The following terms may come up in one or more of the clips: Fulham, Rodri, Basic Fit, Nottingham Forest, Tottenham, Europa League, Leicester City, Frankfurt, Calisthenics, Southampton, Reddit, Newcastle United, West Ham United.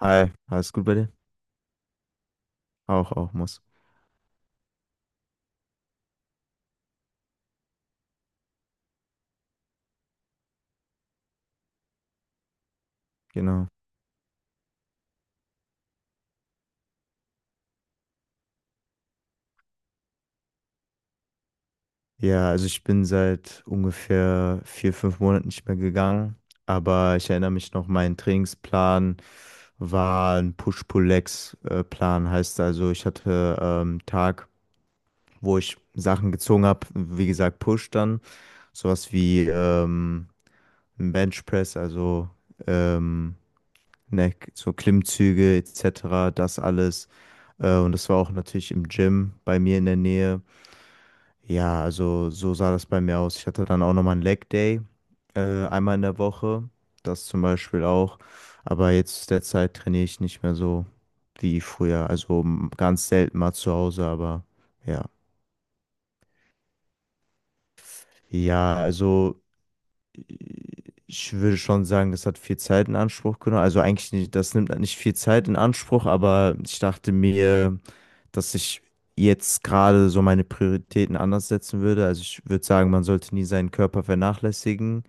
Hi, alles gut bei dir? Auch, auch muss. Genau. Ja, also ich bin seit ungefähr vier, fünf Monaten nicht mehr gegangen, aber ich erinnere mich noch, mein Trainingsplan war ein Push-Pull-Legs-Plan, heißt also, ich hatte Tag, wo ich Sachen gezogen habe, wie gesagt, Push dann, sowas wie ein Benchpress, also ähm, ne, so Klimmzüge etc., das alles. Und das war auch natürlich im Gym bei mir in der Nähe. Ja, also so sah das bei mir aus. Ich hatte dann auch nochmal einen Leg Day, einmal in der Woche. Das zum Beispiel auch. Aber jetzt derzeit trainiere ich nicht mehr so wie früher. Also ganz selten mal zu Hause, aber ja. Ja, also ich würde schon sagen, das hat viel Zeit in Anspruch genommen. Also eigentlich nicht, das nimmt nicht viel Zeit in Anspruch, aber ich dachte mir, dass ich jetzt gerade so meine Prioritäten anders setzen würde. Also ich würde sagen, man sollte nie seinen Körper vernachlässigen.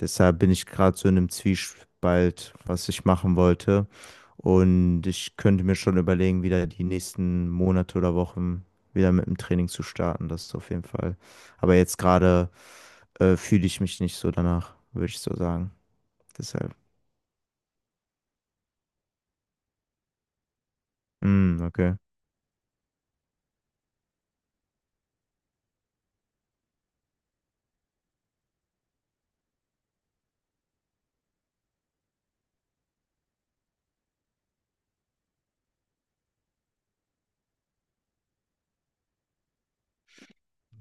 Deshalb bin ich gerade so in einem Zwiespalt, was ich machen wollte. Und ich könnte mir schon überlegen, wieder die nächsten Monate oder Wochen wieder mit dem Training zu starten. Das ist auf jeden Fall. Aber jetzt gerade fühle ich mich nicht so danach, würde ich so sagen. Deshalb. Mm, okay.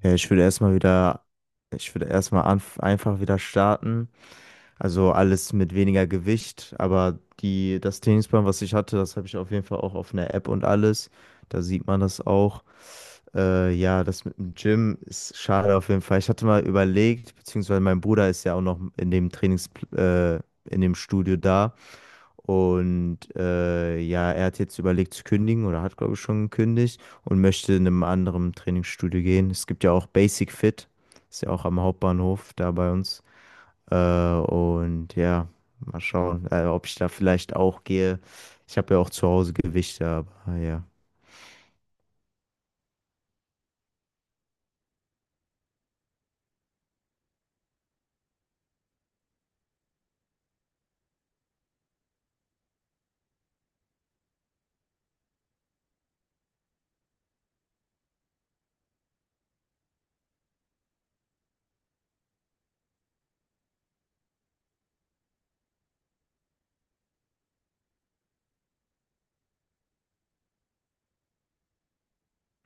Ja, ich würde erstmal wieder, ich würde erstmal anf einfach wieder starten. Also alles mit weniger Gewicht, aber die, das Trainingsplan, was ich hatte, das habe ich auf jeden Fall auch auf einer App und alles. Da sieht man das auch. Ja, das mit dem Gym ist schade auf jeden Fall. Ich hatte mal überlegt, beziehungsweise mein Bruder ist ja auch noch in dem Trainings, äh, in dem Studio da. Und ja, er hat jetzt überlegt zu kündigen oder hat, glaube ich, schon gekündigt und möchte in einem anderen Trainingsstudio gehen. Es gibt ja auch Basic Fit, ist ja auch am Hauptbahnhof da bei uns. Und ja, mal schauen, ob ich da vielleicht auch gehe. Ich habe ja auch zu Hause Gewichte, aber ja.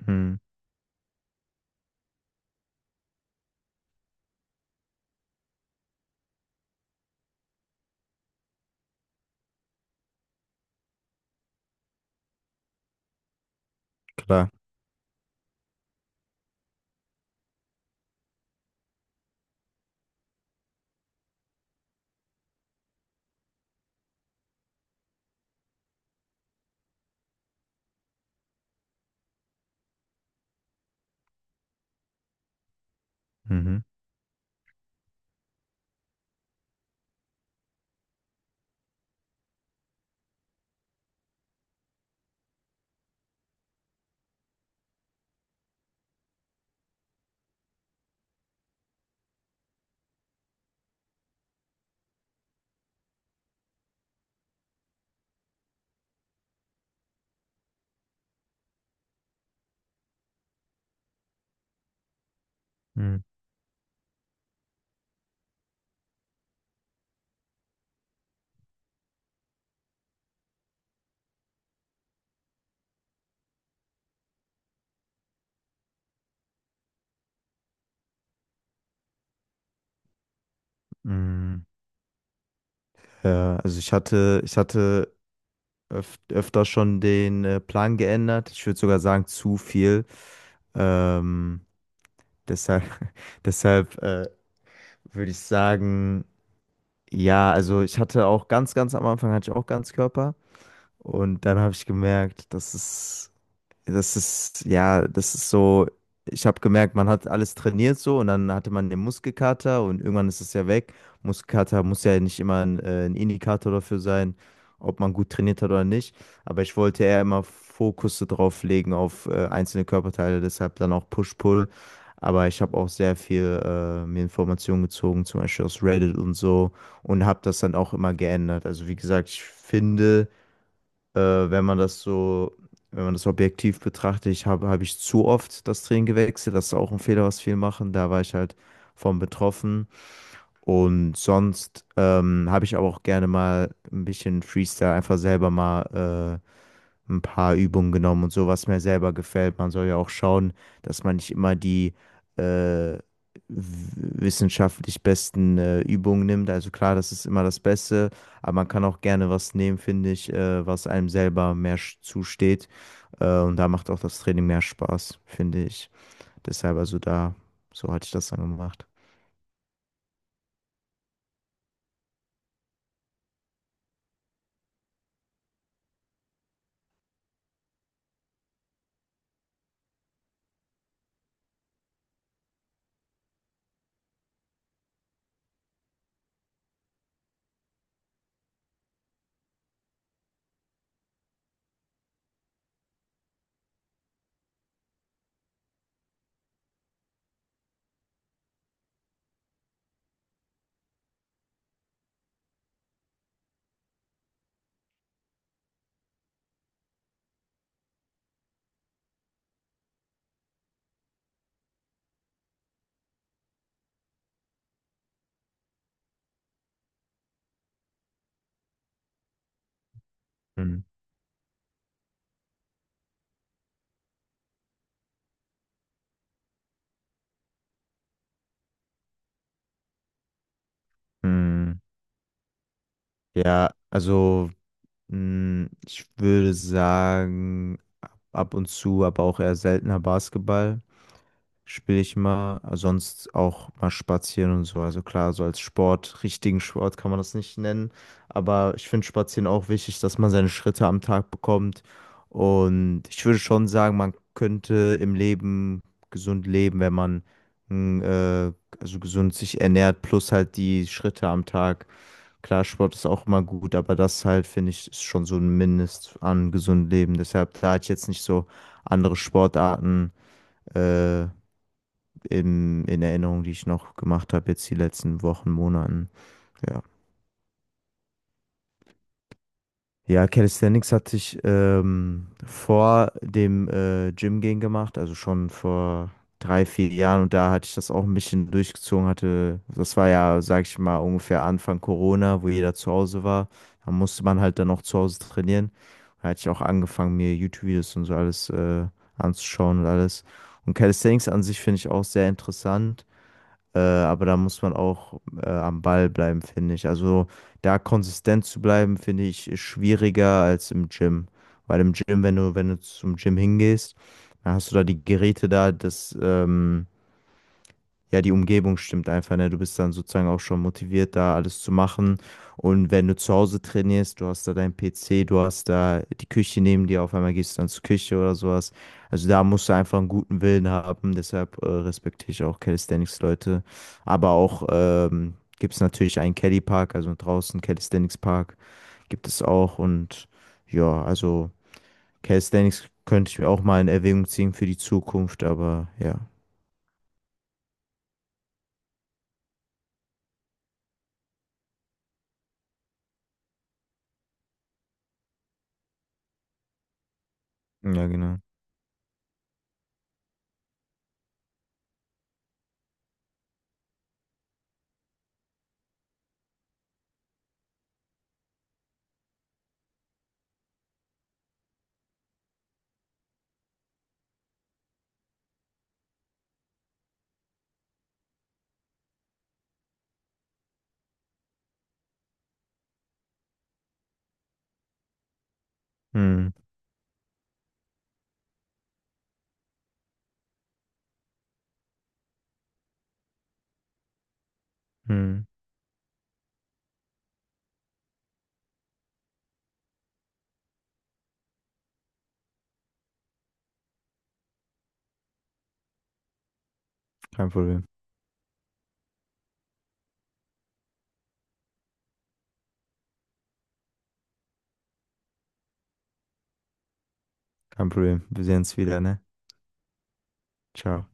Hm, klar. Mhm. Mhm. Mhm. Ja, also ich hatte öf öfter schon den Plan geändert. Ich würde sogar sagen, zu viel. Ähm, Deshalb, deshalb würde ich sagen, ja, also ich hatte auch ganz, ganz am Anfang hatte ich auch Ganzkörper und dann habe ich gemerkt, dass es das ist, ja, das ist so, ich habe gemerkt, man hat alles trainiert so und dann hatte man den Muskelkater und irgendwann ist es ja weg. Muskelkater muss ja nicht immer ein Indikator dafür sein, ob man gut trainiert hat oder nicht. Aber ich wollte eher immer Fokus so drauf legen auf einzelne Körperteile, deshalb dann auch Push-Pull. Aber ich habe auch sehr viel mir Informationen gezogen, zum Beispiel aus Reddit und so und habe das dann auch immer geändert. Also wie gesagt, ich finde wenn man das so, wenn man das objektiv betrachtet, ich habe habe ich zu oft das Training gewechselt. Das ist auch ein Fehler, was viele machen. Da war ich halt von betroffen. Und sonst habe ich aber auch gerne mal ein bisschen Freestyle, einfach selber mal ein paar Übungen genommen und so, was mir selber gefällt. Man soll ja auch schauen, dass man nicht immer die äh, w- wissenschaftlich besten Übungen nimmt. Also klar, das ist immer das Beste, aber man kann auch gerne was nehmen, finde ich, was einem selber mehr zusteht. Und da macht auch das Training mehr Spaß, finde ich. Deshalb also da, so hatte ich das dann gemacht. Mhm. Ja, also ich würde sagen, ab und zu, aber auch eher seltener Basketball spiele ich mal, sonst auch mal spazieren und so. Also klar, so als Sport, richtigen Sport kann man das nicht nennen, aber ich finde Spazieren auch wichtig, dass man seine Schritte am Tag bekommt. Und ich würde schon sagen, man könnte im Leben gesund leben, wenn man mh, äh, also gesund sich ernährt, plus halt die Schritte am Tag. Klar, Sport ist auch immer gut, aber das halt, finde ich, ist schon so ein Mindest an gesundem Leben. Deshalb, da hatte ich jetzt nicht so andere Sportarten äh, in Erinnerung, die ich noch gemacht habe, jetzt die letzten Wochen, Monaten. Ja. Ja, Calisthenics hatte ich vor dem Gym gehen gemacht, also schon vor drei, vier Jahren und da hatte ich das auch ein bisschen durchgezogen, hatte, das war ja, sag ich mal, ungefähr Anfang Corona, wo jeder zu Hause war. Da musste man halt dann auch zu Hause trainieren. Da hatte ich auch angefangen, mir YouTube-Videos und so alles anzuschauen und alles. Und Calisthenics an sich finde ich auch sehr interessant. Aber da muss man auch am Ball bleiben, finde ich. Also da konsistent zu bleiben, finde ich, ist schwieriger als im Gym. Weil im Gym, wenn du, zum Gym hingehst, dann hast du da die Geräte da, das, ja, die Umgebung stimmt einfach, ne? Du bist dann sozusagen auch schon motiviert, da alles zu machen. Und wenn du zu Hause trainierst, du hast da deinen PC, du hast da die Küche neben dir, auf einmal gehst du dann zur Küche oder sowas. Also da musst du einfach einen guten Willen haben. Deshalb respektiere ich auch Calisthenics-Leute. Aber auch gibt es natürlich einen Kelly Park, also draußen Calisthenics Park gibt es auch. Und ja, also Calisthenics könnte ich mir auch mal in Erwägung ziehen für die Zukunft, aber ja. Ja, genau. Hm, hm. Kein Problem. Kein Problem. Wir sehen uns wieder, ne? Ciao.